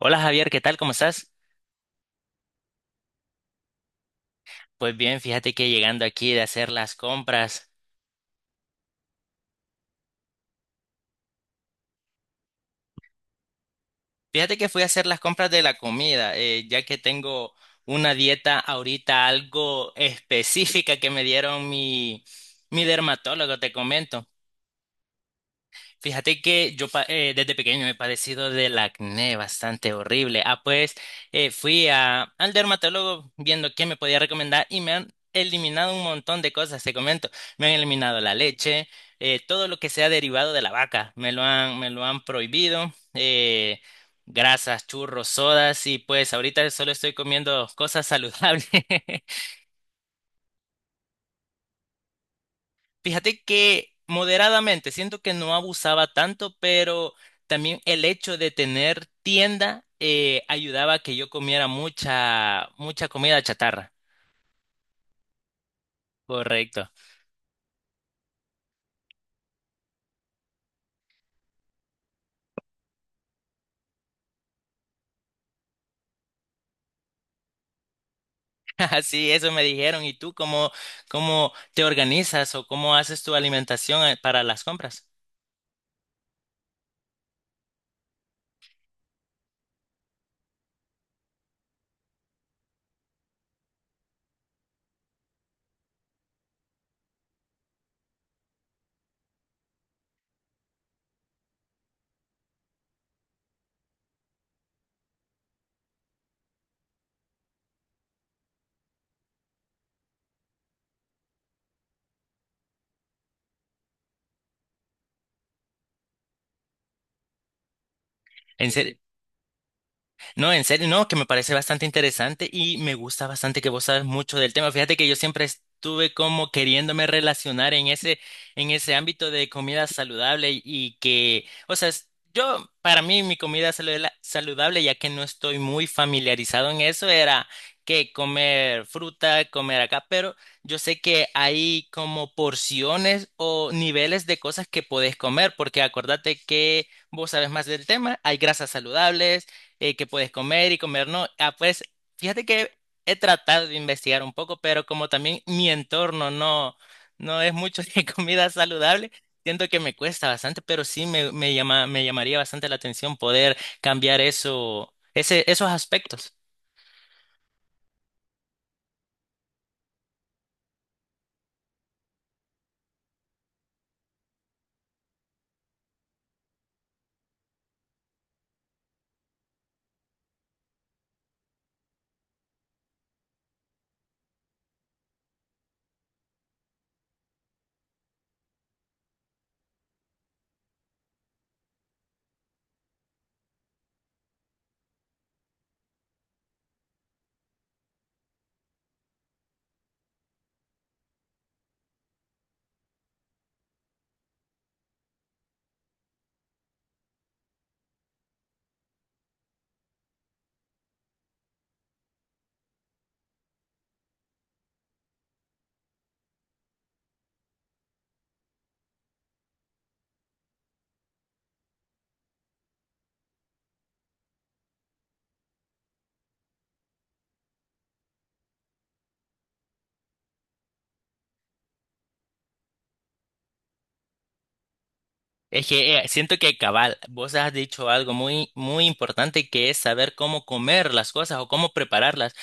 Hola Javier, ¿qué tal? ¿Cómo estás? Pues bien, fíjate que llegando aquí de hacer las compras, fíjate que fui a hacer las compras de la comida, ya que tengo una dieta ahorita algo específica que me dieron mi dermatólogo, te comento. Fíjate que yo desde pequeño he padecido del acné bastante horrible. Ah, pues al dermatólogo viendo qué me podía recomendar y me han eliminado un montón de cosas, te comento. Me han eliminado la leche, todo lo que sea derivado de la vaca, me lo han prohibido, grasas, churros, sodas y pues ahorita solo estoy comiendo cosas saludables. Fíjate que moderadamente, siento que no abusaba tanto, pero también el hecho de tener tienda ayudaba a que yo comiera mucha comida chatarra. Correcto. Así, eso me dijeron. ¿Y tú cómo te organizas o cómo haces tu alimentación para las compras? No, en serio, no, que me parece bastante interesante y me gusta bastante que vos sabes mucho del tema. Fíjate que yo siempre estuve como queriéndome relacionar en en ese ámbito de comida saludable y que, o sea, yo, para mí, mi saludable, ya que no estoy muy familiarizado en eso, era que comer fruta, comer acá, pero yo sé que hay como porciones o niveles de cosas que podés comer, porque acordate que vos sabes más del tema, hay grasas saludables qué puedes comer y comer no. Ah, pues fíjate que he tratado de investigar un poco, pero como también mi entorno no, no es mucho de comida saludable, siento que me cuesta bastante, pero me llamaría bastante la atención poder cambiar esos aspectos. Es que siento que cabal, vos has dicho algo muy importante que es saber cómo comer las cosas o cómo prepararlas,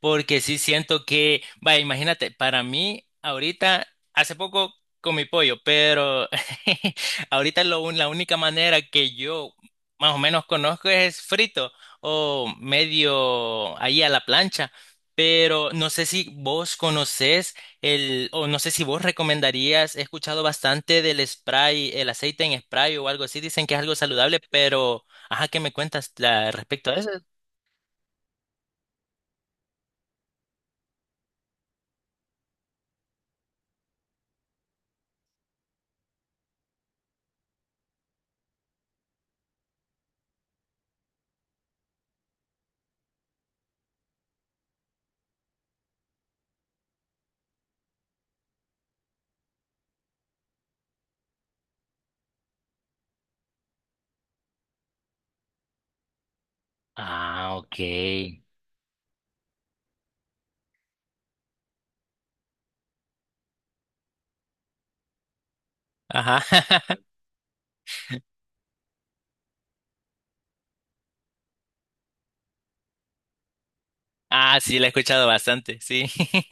porque sí siento que, vaya, imagínate, para mí ahorita, hace poco comí pollo, pero ahorita la única manera que yo más o menos conozco es frito o medio ahí a la plancha, pero no sé si vos conocés. O no sé si vos recomendarías, he escuchado bastante del spray, el aceite en spray o algo así, dicen que es algo saludable, pero, ajá, ¿qué me cuentas respecto a eso? Ah, ok. Ajá. Ah, sí, la he escuchado bastante, sí.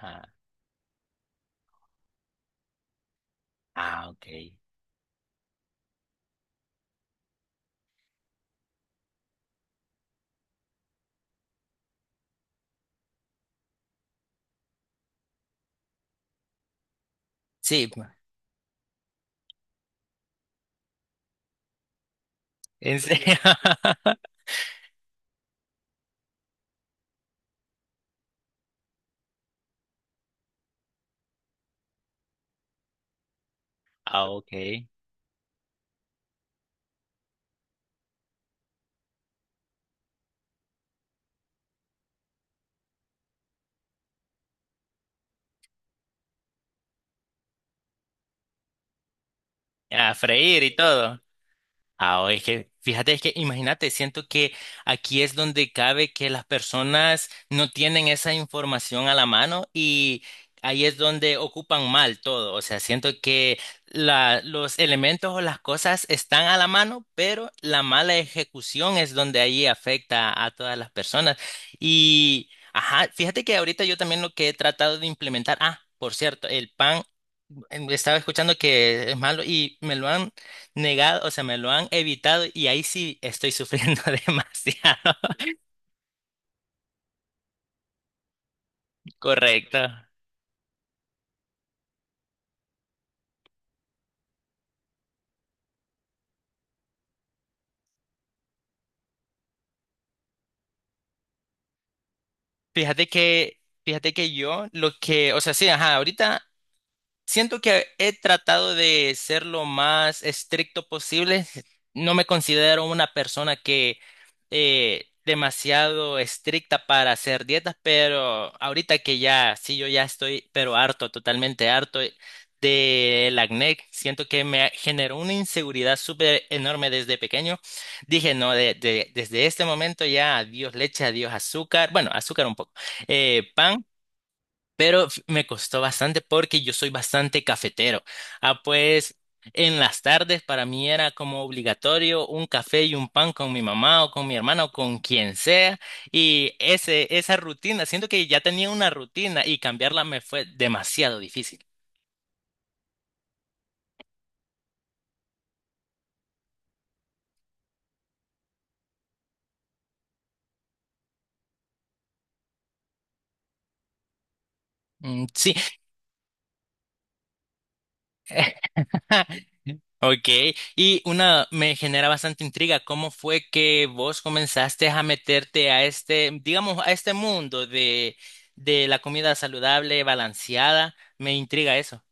Ah, ah, ok. Sí, en serio. Ah, ok. A freír y todo. Ah, es que, fíjate, es que imagínate, siento que aquí es donde cabe que las personas no tienen esa información a la mano y ahí es donde ocupan mal todo. O sea, siento que los elementos o las cosas están a la mano, pero la mala ejecución es donde ahí afecta a todas las personas. Y, ajá, fíjate que ahorita yo también lo que he tratado de implementar, ah, por cierto, el pan estaba escuchando que es malo y me lo han negado, o sea, me lo han evitado y ahí sí estoy sufriendo demasiado. Correcto. Fíjate que yo lo que, o sea, sí, ajá, ahorita siento que he tratado de ser lo más estricto posible. No me considero una persona que demasiado estricta para hacer dietas, pero ahorita que ya, sí, yo ya estoy, pero harto, totalmente harto del acné. Siento que me generó una inseguridad súper enorme desde pequeño. Dije, no, desde este momento ya adiós leche, adiós azúcar, bueno, azúcar un poco, pan pero me costó bastante porque yo soy bastante cafetero. Ah, pues en las tardes para mí era como obligatorio un café y un pan con mi mamá o con mi hermana o con quien sea. Esa rutina, siento que ya tenía una rutina y cambiarla me fue demasiado difícil. Mm, sí, ok, y una me genera bastante intriga, ¿cómo fue que vos comenzaste a meterte a este, digamos, a este mundo de la comida saludable, balanceada? Me intriga eso.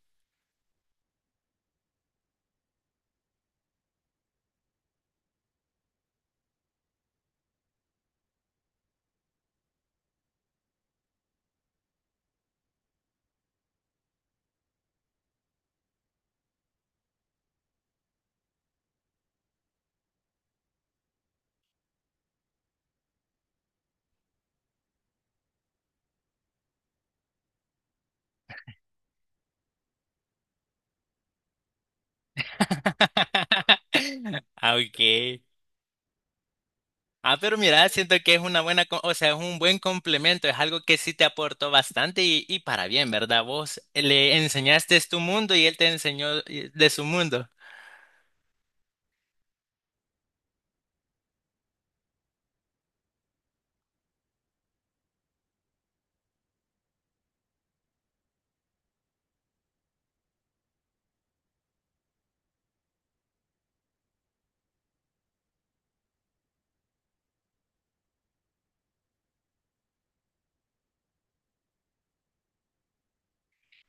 Ah, ok. Ah, pero mira, siento que es una o sea, es un buen complemento, es algo que sí te aportó bastante y para bien, ¿verdad? Vos le enseñaste tu mundo y él te enseñó de su mundo.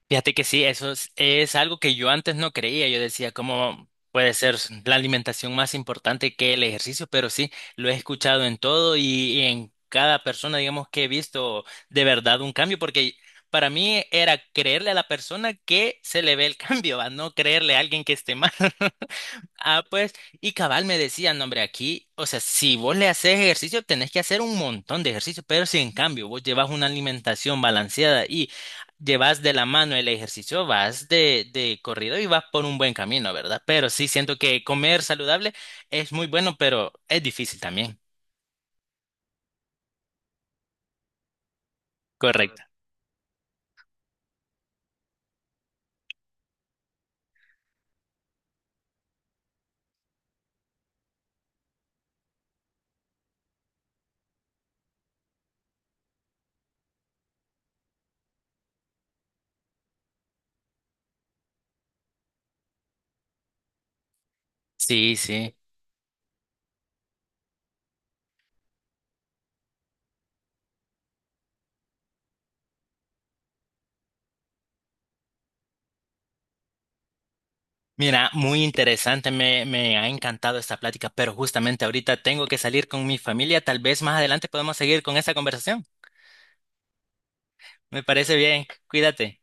Fíjate que sí, es algo que yo antes no creía. Yo decía, ¿cómo puede ser la alimentación más importante que el ejercicio? Pero sí, lo he escuchado en todo y en cada persona, digamos, que he visto de verdad un cambio, porque para mí era creerle a la persona que se le ve el cambio, a no creerle a alguien que esté mal. Ah, pues, y cabal me decía, no, hombre, aquí, o sea, si vos le haces ejercicio, tenés que hacer un montón de ejercicio, pero si en cambio vos llevas una alimentación balanceada llevas de la mano el ejercicio, vas de corrido y vas por un buen camino, ¿verdad? Pero sí siento que comer saludable es muy bueno, pero es difícil también. Correcto. Sí, sí. Mira, muy interesante, me ha encantado esta plática, pero justamente ahorita tengo que salir con mi familia, tal vez más adelante podemos seguir con esta conversación. Me parece bien, cuídate.